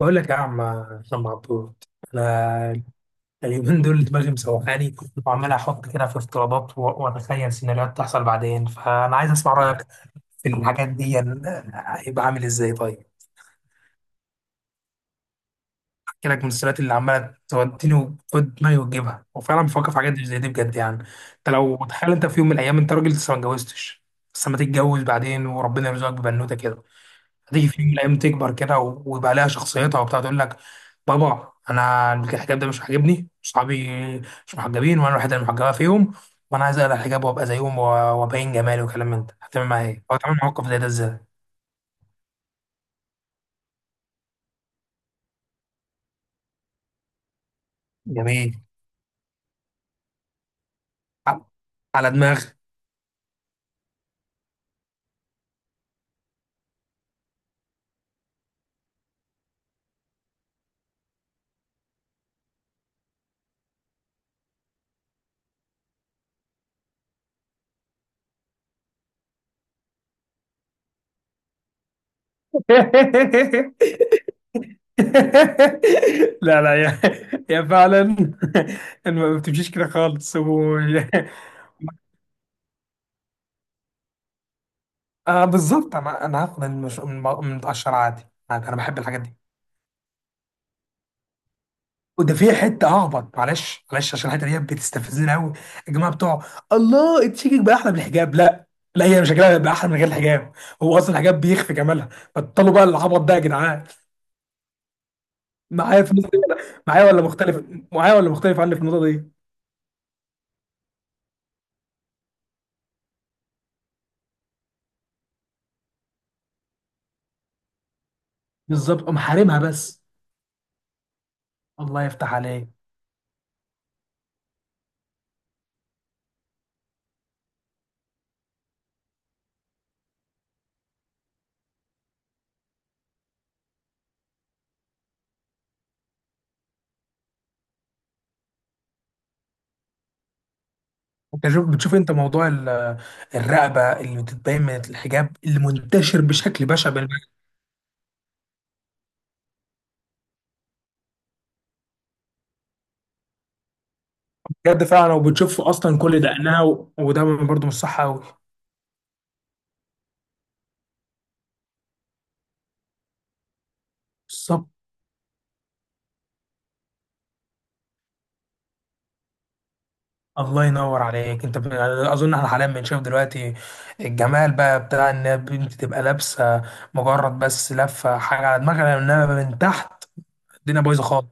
بقول لك يا عم عم عبود، انا اليومين دول دماغي مسوحاني، وعمال احط كده في افتراضات واتخيل سيناريوهات تحصل بعدين، فانا عايز اسمع رايك في الحاجات دي يعني. هيبقى عامل ازاي طيب؟ احكي لك من السيناريوهات اللي عماله توديني وتود دماغي وتجيبها، وفعلا بفكر في حاجات زي دي بجد يعني. انت لو تخيل انت في يوم من الايام، انت راجل لسه ما اتجوزتش، بس لما تتجوز بعدين وربنا يرزقك ببنوته كده، هتيجي في يوم من الايام تكبر كده ويبقى لها شخصيتها وبتاع، تقول لك: بابا انا الحجاب ده مش عاجبني، صحابي مش محجبين وانا الوحيده اللي محجبه فيهم، وانا عايز اقلع الحجاب وابقى زيهم وابين جمالي وكلام من ده. هتعمل معايا ايه؟ او تعمل موقف زي ده ازاي؟ جميل. ع- على دماغ. لا لا يا فعلا. ما بتمشيش كده خالص و... آه بالظبط. انا هاخد المش... من متقشر عادي. انا بحب الحاجات دي. وده في حته ههبط، معلش معلش عشان الحته دي بتستفزني قوي. يا جماعه بتوع الله، التشيكك بقى احلى من الحجاب؟ لا، لا، هي شكلها بقى احلى من غير الحجاب؟ هو اصلا الحجاب بيخفي جمالها؟ بطلوا بقى العبط ده يا جدعان. معايا في النقطة دي ولا؟ معايا ولا مختلف؟ معايا ولا مختلف عني في النقطه دي؟ بالظبط، قوم حارمها بس. الله يفتح عليك. انت شوف بتشوف انت موضوع الرقبه اللي بتتبين من الحجاب اللي منتشر بشكل بشع بين الحجاب ده فعلا، وبتشوفه اصلا كل دقنها وده برضه مش صح قوي. الله ينور عليك. انت ب... اظن احنا حاليا بنشوف دلوقتي الجمال بقى بتاع ان البنت تبقى لابسه مجرد بس لفه حاجه على دماغها، انما من تحت الدنيا بايظه خالص.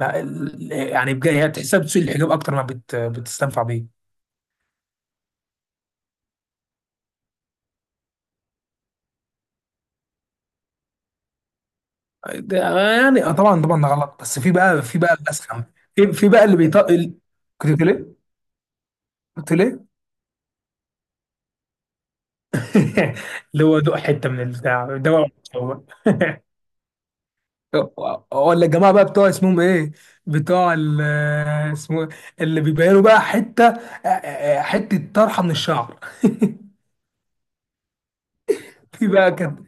لا، يعني بجد هي تحسها بتسوق الحجاب اكتر ما بت... بتستنفع بيه ده. يعني اه طبعا طبعا ده غلط، بس في بقى في بقى الاسخم. في في بقى اللي بيطق كنت بتقول ايه؟ كنت بتقول ايه؟ اللي هو دوق حته من البتاع ده. هو ولا الجماعه بقى بتوع اسمهم ايه؟ بتوع اسمه إيه؟ اللي بيبينوا بقى حته حته طرحه من الشعر. في بقى كان.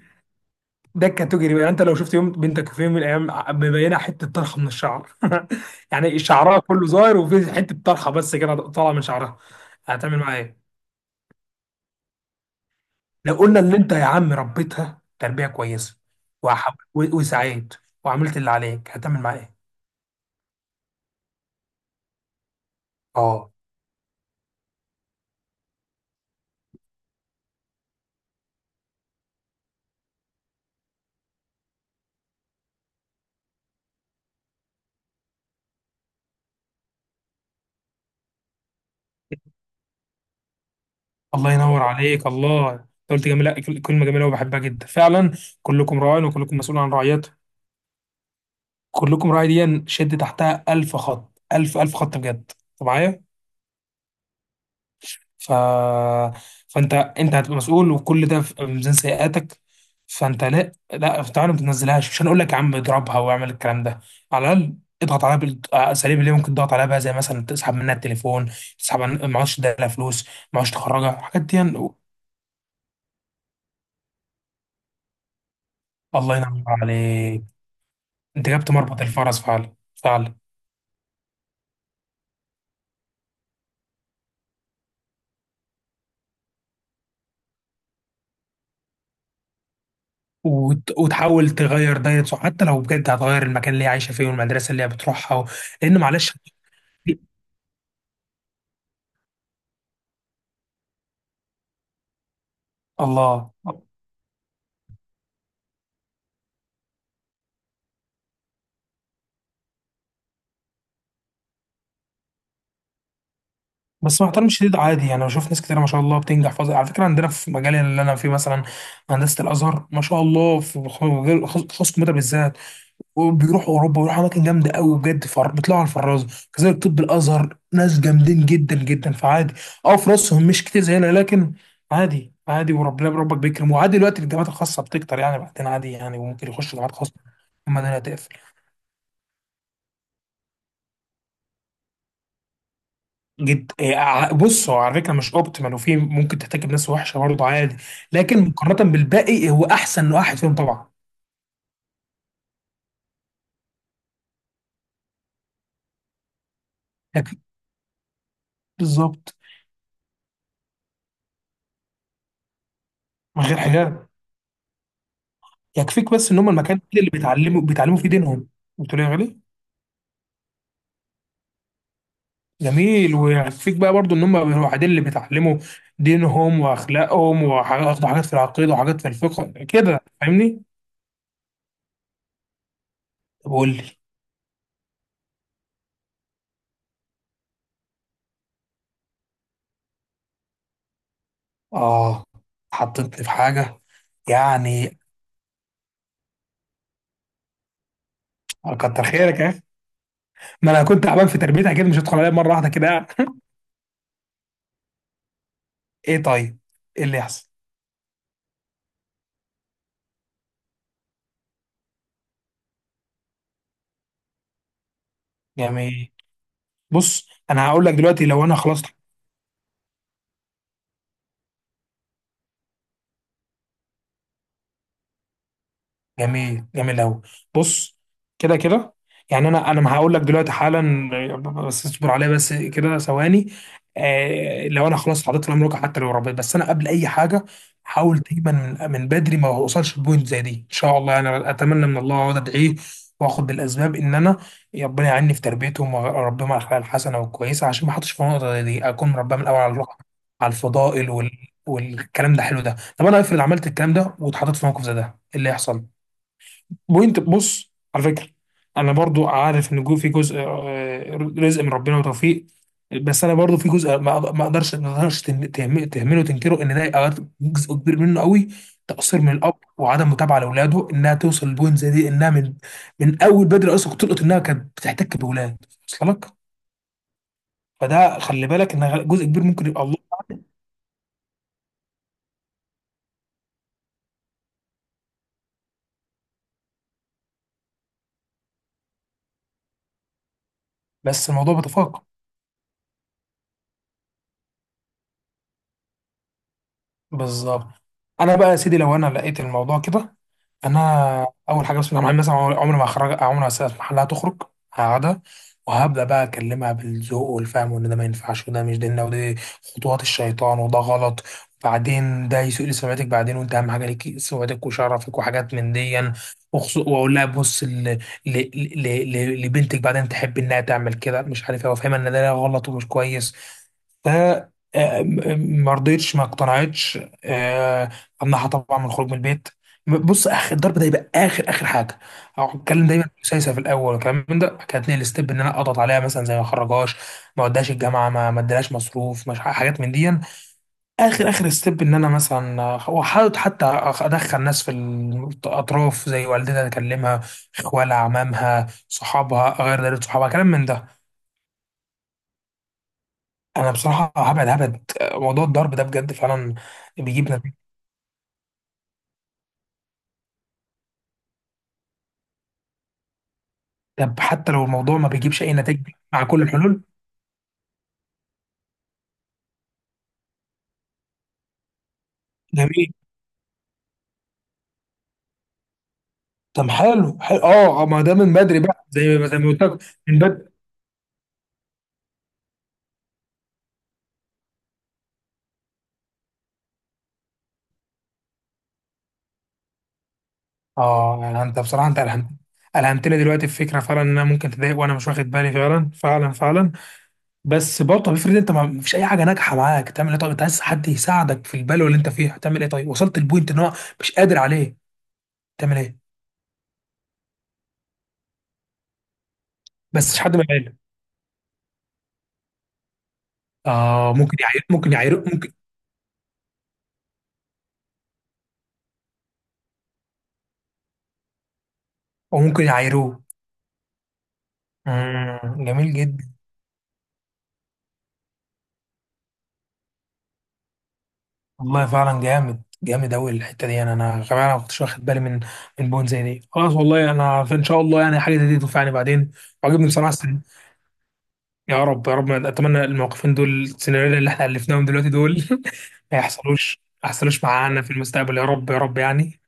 ده كاتوجري بقى، يعني انت لو شفت يوم بنتك في يوم من الايام مبينه حته طرحه من الشعر يعني شعرها كله ظاهر وفي حته طرحه بس كده طالعه من شعرها، هتعمل معاها ايه؟ لو قلنا ان انت يا عم ربيتها تربيه كويسه، وسعيت وعملت اللي عليك، هتعمل معاها ايه؟ اه. الله ينور عليك. الله، انت قلت جميله، كلمه جميله وبحبها جدا فعلا. كلكم راع وكلكم مسؤول عن رعيته. كلكم راعي، دي شد تحتها ألف خط، ألف خط بجد. انت معايا؟ ف... فانت انت هتبقى مسؤول، وكل ده في ميزان سيئاتك. فانت، لا لا، تعالى، ما تنزلهاش، مش هنقول لك يا عم اضربها واعمل الكلام ده، على الاقل اضغط عليها بالاساليب اللي ممكن تضغط عليها بقى، زي مثلا تسحب منها التليفون، تسحب معهاش، تديها فلوس معهاش، تخرجها الحاجات دي. الله ينور عليك، انت جبت مربط الفرس فعلا فعلا. وتحاول تغير دايرة صح، حتى لو بجد هتغير المكان اللي هي عايشه فيه والمدرسه اللي هي بتروحها و... لان معلش. الله. بس مع احترامي الشديد عادي يعني، بشوف ناس كتير ما شاء الله بتنجح فظ... على فكره عندنا في مجالي اللي انا فيه، مثلا هندسه الازهر، ما شاء الله، في خصوص الكمبيوتر بالذات، وبيروحوا اوروبا ويروحوا اماكن جامده قوي بجد، بيطلعوا على الفرازه. كذلك طب الازهر ناس جامدين جدا جدا، فعادي. اه فلوسهم مش كتير زينا، لكن عادي عادي، وربنا ربك بيكرم، وعادي دلوقتي الجامعات الخاصه بتكتر يعني، بعدين عادي يعني، وممكن يخش جامعات خاصه. اما ده هتقفل. جد إيه، بص هو على فكره مش اوبتيمال، وفي ممكن تحتاج بناس وحشه برضه عادي، لكن مقارنه بالباقي إيه، هو احسن واحد فيهم طبعا. يكفيك. بالظبط. من غير حجاب. يكفيك بس ان هم المكان اللي بيتعلموا فيه دينهم. بتقول إيه يا غالي؟ جميل، ويكفيك بقى برضو ان هم الوحيدين اللي بيتعلموا دينهم واخلاقهم، وحاجات في العقيده وحاجات في الفقه كده، فاهمني؟ طب قول لي. اه. حطيتني في حاجه يعني. كتر خيرك يا اخي، ما انا كنت تعبان في تربيتها كده، مش هدخل عليها مره واحده كده. ايه طيب؟ ايه اللي يحصل يعني؟ بص انا هقول لك دلوقتي لو انا خلاص. جميل جميل قوي. بص، كده كده، يعني انا ما هقول لك دلوقتي حالا، بس اصبر عليا بس كده ثواني. آه، لو انا خلاص حطيت الامر واقع، حتى لو ربيت، بس انا قبل اي حاجه حاول دايما من بدري ما اوصلش لبوينت زي دي. ان شاء الله انا اتمنى من الله واقعد ادعيه واخد بالاسباب، ان انا ربنا يعيني في تربيتهم واربيهم على الاخلاق الحسنه والكويسه، عشان ما احطش في النقطه زي دي، اكون مربيهم من الاول على الروح، على الفضائل وال... والكلام ده حلو ده. طب انا افرض عملت الكلام ده واتحطيت في موقف زي ده، إيه اللي يحصل؟ بوينت، بص على فكره، انا برضو عارف ان في جزء رزق من ربنا وتوفيق، بس انا برضو في جزء ما ما اقدرش ما اقدرش تهمله وتنكره، ان ده أوقات جزء كبير منه قوي تقصير من الاب وعدم متابعه لاولاده، انها توصل لبوينت زي دي، انها من اول بدري اصلا كنت تلقط انها كانت بتحتك باولاد، وصل لك؟ فده خلي بالك، ان جزء كبير ممكن يبقى الله. بس الموضوع بيتفاقم. بالظبط. انا بقى يا سيدي لو انا لقيت الموضوع كده، انا اول حاجه بسم الله الرحمن الرحيم، مثلا عمري ما هخرج، عمري ما هسيب محلها تخرج، هقعدها، وهبدا بقى اكلمها بالذوق والفهم، وان ده ما ينفعش، وده مش ديننا، ودي خطوات الشيطان، وده غلط، بعدين ده يسوء لسمعتك بعدين، وانت اهم حاجه ليك سمعتك وشرفك وحاجات من دي. واقول لها بص لبنتك بعدين تحب انها تعمل كده مش عارف ايه، وافهمها ان ده غلط ومش كويس. ف ما رضيتش، ما اقتنعتش، آه، امنعها طبعا من الخروج من البيت. بص اخر الضرب ده يبقى اخر اخر حاجه، او اتكلم دايما سايسه في الاول والكلام من ده، بعد كده اتنقل ستيب ان انا اضغط عليها، مثلا زي ما اخرجهاش، ما اوديهاش الجامعه، ما اديلهاش مصروف، مش حاجات من دي. اخر اخر ستيب ان انا مثلا واحاول حتى ادخل ناس في الاطراف زي والدتها، اكلمها، اخوالها، عمامها، صحابها، غير دايره صحابها، كلام من ده. انا بصراحه هبعد هبعد موضوع الضرب ده بجد فعلا بيجيب نتيجه. طب حتى لو الموضوع ما بيجيبش اي نتيجه؟ مع كل الحلول. جميل. طب حلو حلو اه، ما ده من بدري بقى، زي ما زي ما قلت لك، من بدري. اه، يعني انت بصراحه انت الهمت، الهمت لي دلوقتي الفكره فعلا، ان انا ممكن تضايق وانا مش واخد بالي، فعلا فعلا فعلا. بس برضه طب افرض انت ما فيش اي حاجه ناجحه معاك، تعمل ايه طيب؟ انت عايز حد يساعدك في البلوه اللي انت فيها، تعمل ايه طيب؟ وصلت البوينت ان هو مش قادر عليه، تعمل ايه؟ بس مش حد من العيله. اه، ممكن يعير، ممكن يعير، ممكن، او ممكن يعيروه. امم، جميل جدا. والله فعلا جامد جامد أوي الحتة دي يعني، أنا كمان ما كنتش واخد بالي من بون زي دي. خلاص، والله أنا في إن شاء الله يعني حاجة زي دي تنفعني بعدين. وعجبني بصراحة يا رب يا رب، أتمنى الموقفين دول، السيناريو اللي إحنا ألفناهم دلوقتي دول ما يحصلوش، ما يحصلوش معانا في المستقبل، يا رب يا رب يعني.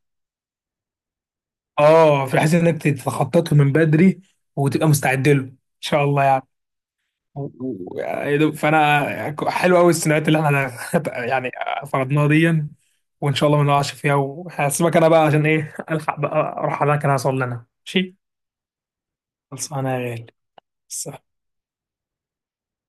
آه في حيث إنك تتخطط له من بدري وتبقى مستعد له إن شاء الله يعني. فانا حلو قوي السيناريوهات اللي احنا يعني فرضناها دي، وان شاء الله ما نقعش فيها. وهسيبك انا بقى عشان ايه، الحق بقى اروح على المكان، هوصل لنا، ماشي؟ خلصانه يا غالي، بس.